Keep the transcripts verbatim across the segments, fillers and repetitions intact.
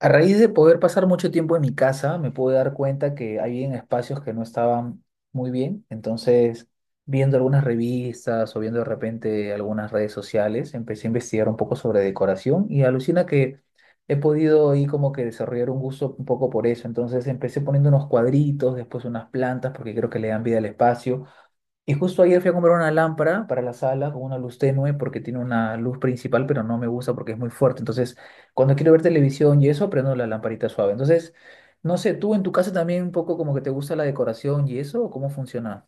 A raíz de poder pasar mucho tiempo en mi casa, me pude dar cuenta que hay en espacios que no estaban muy bien. Entonces, viendo algunas revistas o viendo de repente algunas redes sociales, empecé a investigar un poco sobre decoración y alucina que he podido ahí como que desarrollar un gusto un poco por eso. Entonces, empecé poniendo unos cuadritos, después unas plantas, porque creo que le dan vida al espacio. Y justo ayer fui a comprar una lámpara para la sala con una luz tenue porque tiene una luz principal, pero no me gusta porque es muy fuerte. Entonces, cuando quiero ver televisión y eso, prendo la lamparita suave. Entonces, no sé, ¿tú en tu casa también un poco como que te gusta la decoración y eso o cómo funciona?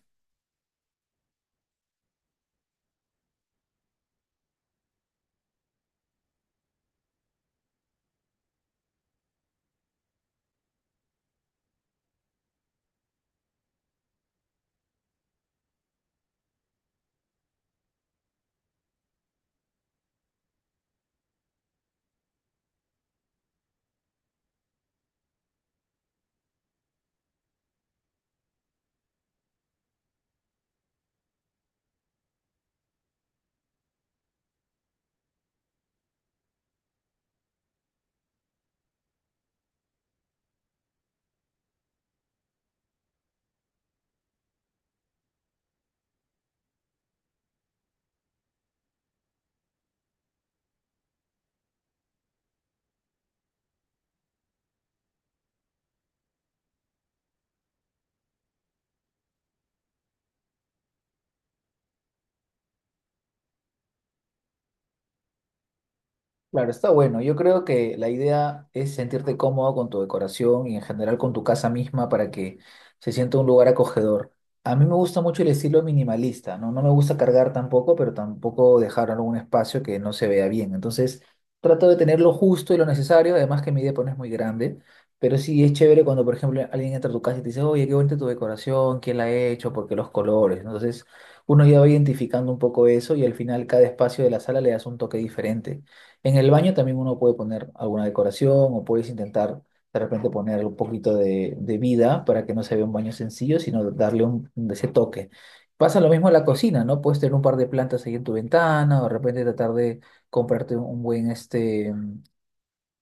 Claro, está bueno. Yo creo que la idea es sentirte cómodo con tu decoración y en general con tu casa misma para que se sienta un lugar acogedor. A mí me gusta mucho el estilo minimalista, ¿no? No me gusta cargar tampoco, pero tampoco dejar algún espacio que no se vea bien. Entonces, trato de tener lo justo y lo necesario, además que mi depa no es muy grande, pero sí es chévere cuando, por ejemplo, alguien entra a tu casa y te dice, oye, qué bonita tu decoración, quién la ha hecho, por qué los colores, ¿no? Entonces, uno ya va identificando un poco eso y al final cada espacio de la sala le das un toque diferente. En el baño también uno puede poner alguna decoración o puedes intentar de repente poner un poquito de, de vida para que no se vea un baño sencillo, sino darle un, ese toque. Pasa lo mismo en la cocina, ¿no? Puedes tener un par de plantas ahí en tu ventana o de repente tratar de comprarte un buen este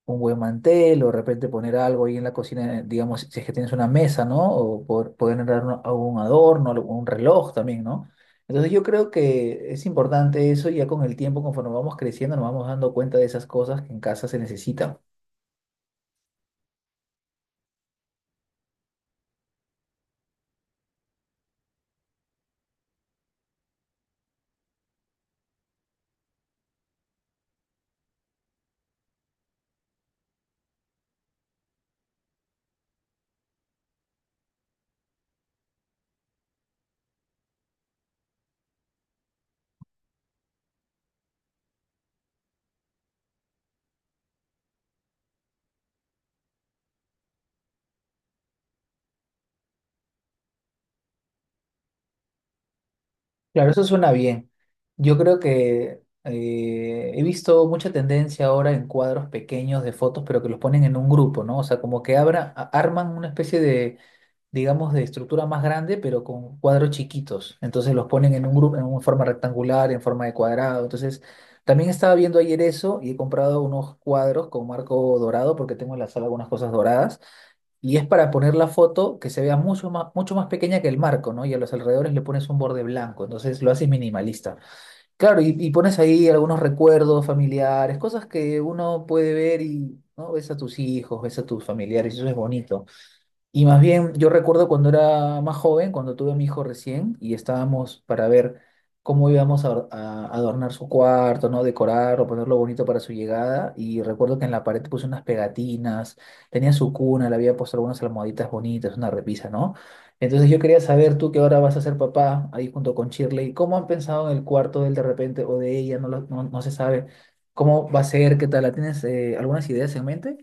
un buen mantel o de repente poner algo ahí en la cocina, eh, digamos, si es que tienes una mesa, ¿no? O por- poder entrar algún adorno, algo- un reloj también, ¿no? Entonces yo creo que es importante eso y ya con el tiempo, conforme vamos creciendo, nos vamos dando cuenta de esas cosas que en casa se necesitan. Claro, eso suena bien. Yo creo que eh, he visto mucha tendencia ahora en cuadros pequeños de fotos, pero que los ponen en un grupo, ¿no? O sea, como que abra, a- arman una especie de, digamos, de estructura más grande, pero con cuadros chiquitos. Entonces los ponen en un grupo, en una forma rectangular, en forma de cuadrado. Entonces, también estaba viendo ayer eso y he comprado unos cuadros con marco dorado porque tengo en la sala algunas cosas doradas. Y es para poner la foto que se vea mucho más, mucho más pequeña que el marco, ¿no? Y a los alrededores le pones un borde blanco, entonces lo haces minimalista. Claro, y, y pones ahí algunos recuerdos familiares, cosas que uno puede ver y, ¿no? Ves a tus hijos, ves a tus familiares, y eso es bonito. Y más bien, yo recuerdo cuando era más joven, cuando tuve a mi hijo recién, y estábamos para ver cómo íbamos a, or- a adornar su cuarto, ¿no? Decorar o ponerlo bonito para su llegada. Y recuerdo que en la pared puse unas pegatinas, tenía su cuna, le había puesto algunas almohaditas bonitas, una repisa, ¿no? Entonces yo quería saber, tú que ahora vas a ser papá, ahí junto con Shirley, ¿cómo han pensado en el cuarto de él de repente o de ella? No, lo- no, no se sabe. ¿Cómo va a ser? ¿Qué tal? ¿La ¿Tienes eh, algunas ideas en mente?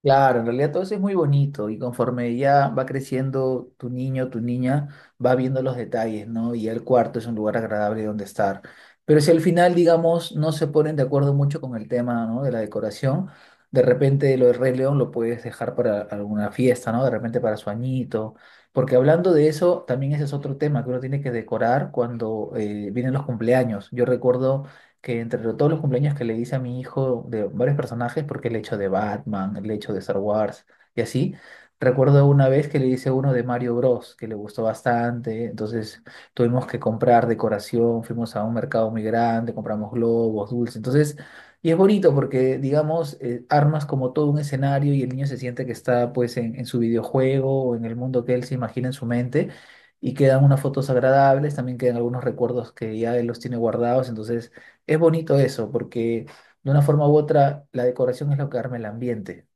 Claro, en realidad todo eso es muy bonito y conforme ya va creciendo tu niño, tu niña, va viendo los detalles, ¿no? Y ya el cuarto es un lugar agradable donde estar. Pero si al final, digamos, no se ponen de acuerdo mucho con el tema, ¿no?, de la decoración, de repente lo de Rey León lo puedes dejar para alguna fiesta, ¿no? De repente para su añito. Porque hablando de eso, también ese es otro tema que uno tiene que decorar cuando eh, vienen los cumpleaños. Yo recuerdo que entre todos los cumpleaños que le hice a mi hijo de varios personajes, porque le he hecho de Batman, le he hecho de Star Wars y así, recuerdo una vez que le hice uno de Mario Bros, que le gustó bastante, entonces tuvimos que comprar decoración, fuimos a un mercado muy grande, compramos globos, dulces, entonces... Y es bonito porque, digamos, eh, armas como todo un escenario y el niño se siente que está pues en, en su videojuego o en el mundo que él se imagina en su mente, y quedan unas fotos agradables, también quedan algunos recuerdos que ya él los tiene guardados, entonces es bonito eso, porque de una forma u otra la decoración es lo que arma el ambiente.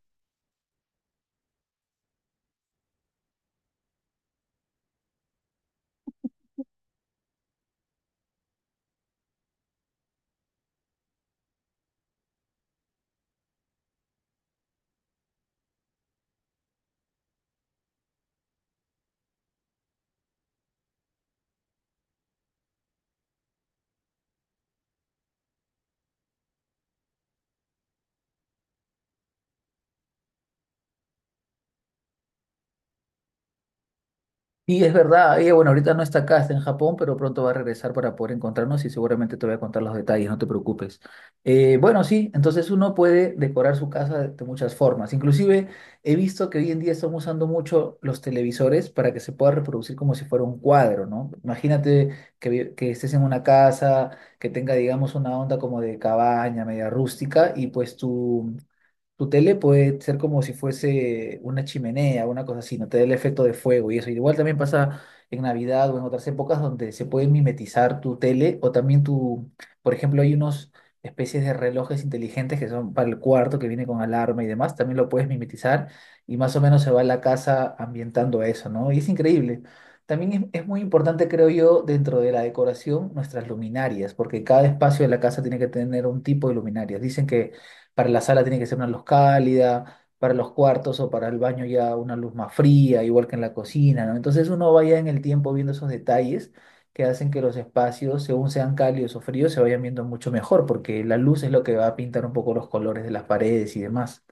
Y es verdad, ella, bueno, ahorita no está acá, está en Japón, pero pronto va a regresar para poder encontrarnos y seguramente te voy a contar los detalles, no te preocupes. Eh, bueno, sí, entonces uno puede decorar su casa de, de muchas formas. Inclusive he visto que hoy en día están usando mucho los televisores para que se pueda reproducir como si fuera un cuadro, ¿no? Imagínate que, vi- que estés en una casa que tenga, digamos, una onda como de cabaña, media rústica, y pues tú tu tele puede ser como si fuese una chimenea, una cosa así, no te da el efecto de fuego y eso. Igual también pasa en Navidad o en otras épocas donde se puede mimetizar tu tele o también tu, por ejemplo, hay unos especies de relojes inteligentes que son para el cuarto, que viene con alarma y demás, también lo puedes mimetizar y más o menos se va la casa ambientando a eso, ¿no? Y es increíble. También es, es muy importante, creo yo, dentro de la decoración, nuestras luminarias, porque cada espacio de la casa tiene que tener un tipo de luminarias. Dicen que para la sala tiene que ser una luz cálida, para los cuartos o para el baño ya una luz más fría, igual que en la cocina, ¿no? Entonces uno vaya en el tiempo viendo esos detalles que hacen que los espacios, según sean cálidos o fríos, se vayan viendo mucho mejor, porque la luz es lo que va a pintar un poco los colores de las paredes y demás.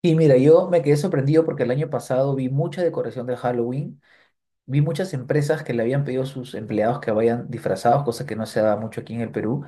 Y mira, yo me quedé sorprendido porque el año pasado vi mucha decoración de Halloween, vi muchas empresas que le habían pedido a sus empleados que vayan disfrazados, cosa que no se da mucho aquí en el Perú.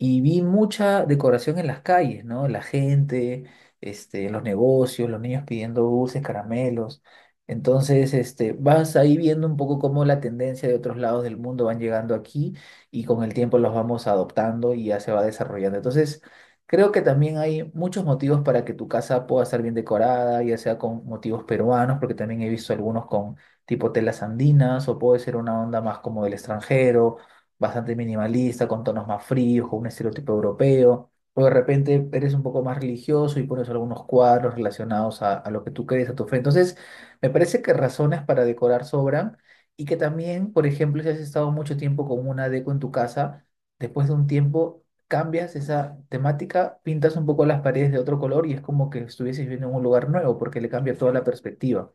Y vi mucha decoración en las calles, ¿no? La gente, este, los negocios, los niños pidiendo dulces, caramelos. Entonces, este, vas ahí viendo un poco cómo la tendencia de otros lados del mundo van llegando aquí y con el tiempo los vamos adoptando y ya se va desarrollando. Entonces, creo que también hay muchos motivos para que tu casa pueda estar bien decorada, ya sea con motivos peruanos, porque también he visto algunos con tipo telas andinas o puede ser una onda más como del extranjero, bastante minimalista, con tonos más fríos, con un estereotipo europeo, o de repente eres un poco más religioso y pones algunos cuadros relacionados a, a lo que tú crees, a tu fe. Entonces, me parece que razones para decorar sobran y que también, por ejemplo, si has estado mucho tiempo con una deco en tu casa, después de un tiempo cambias esa temática, pintas un poco las paredes de otro color y es como que estuvieses viendo en un lugar nuevo porque le cambia toda la perspectiva.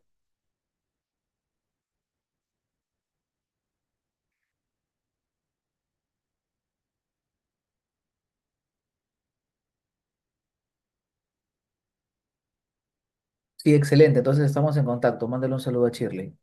Sí, excelente. Entonces estamos en contacto. Mándale un saludo a Shirley.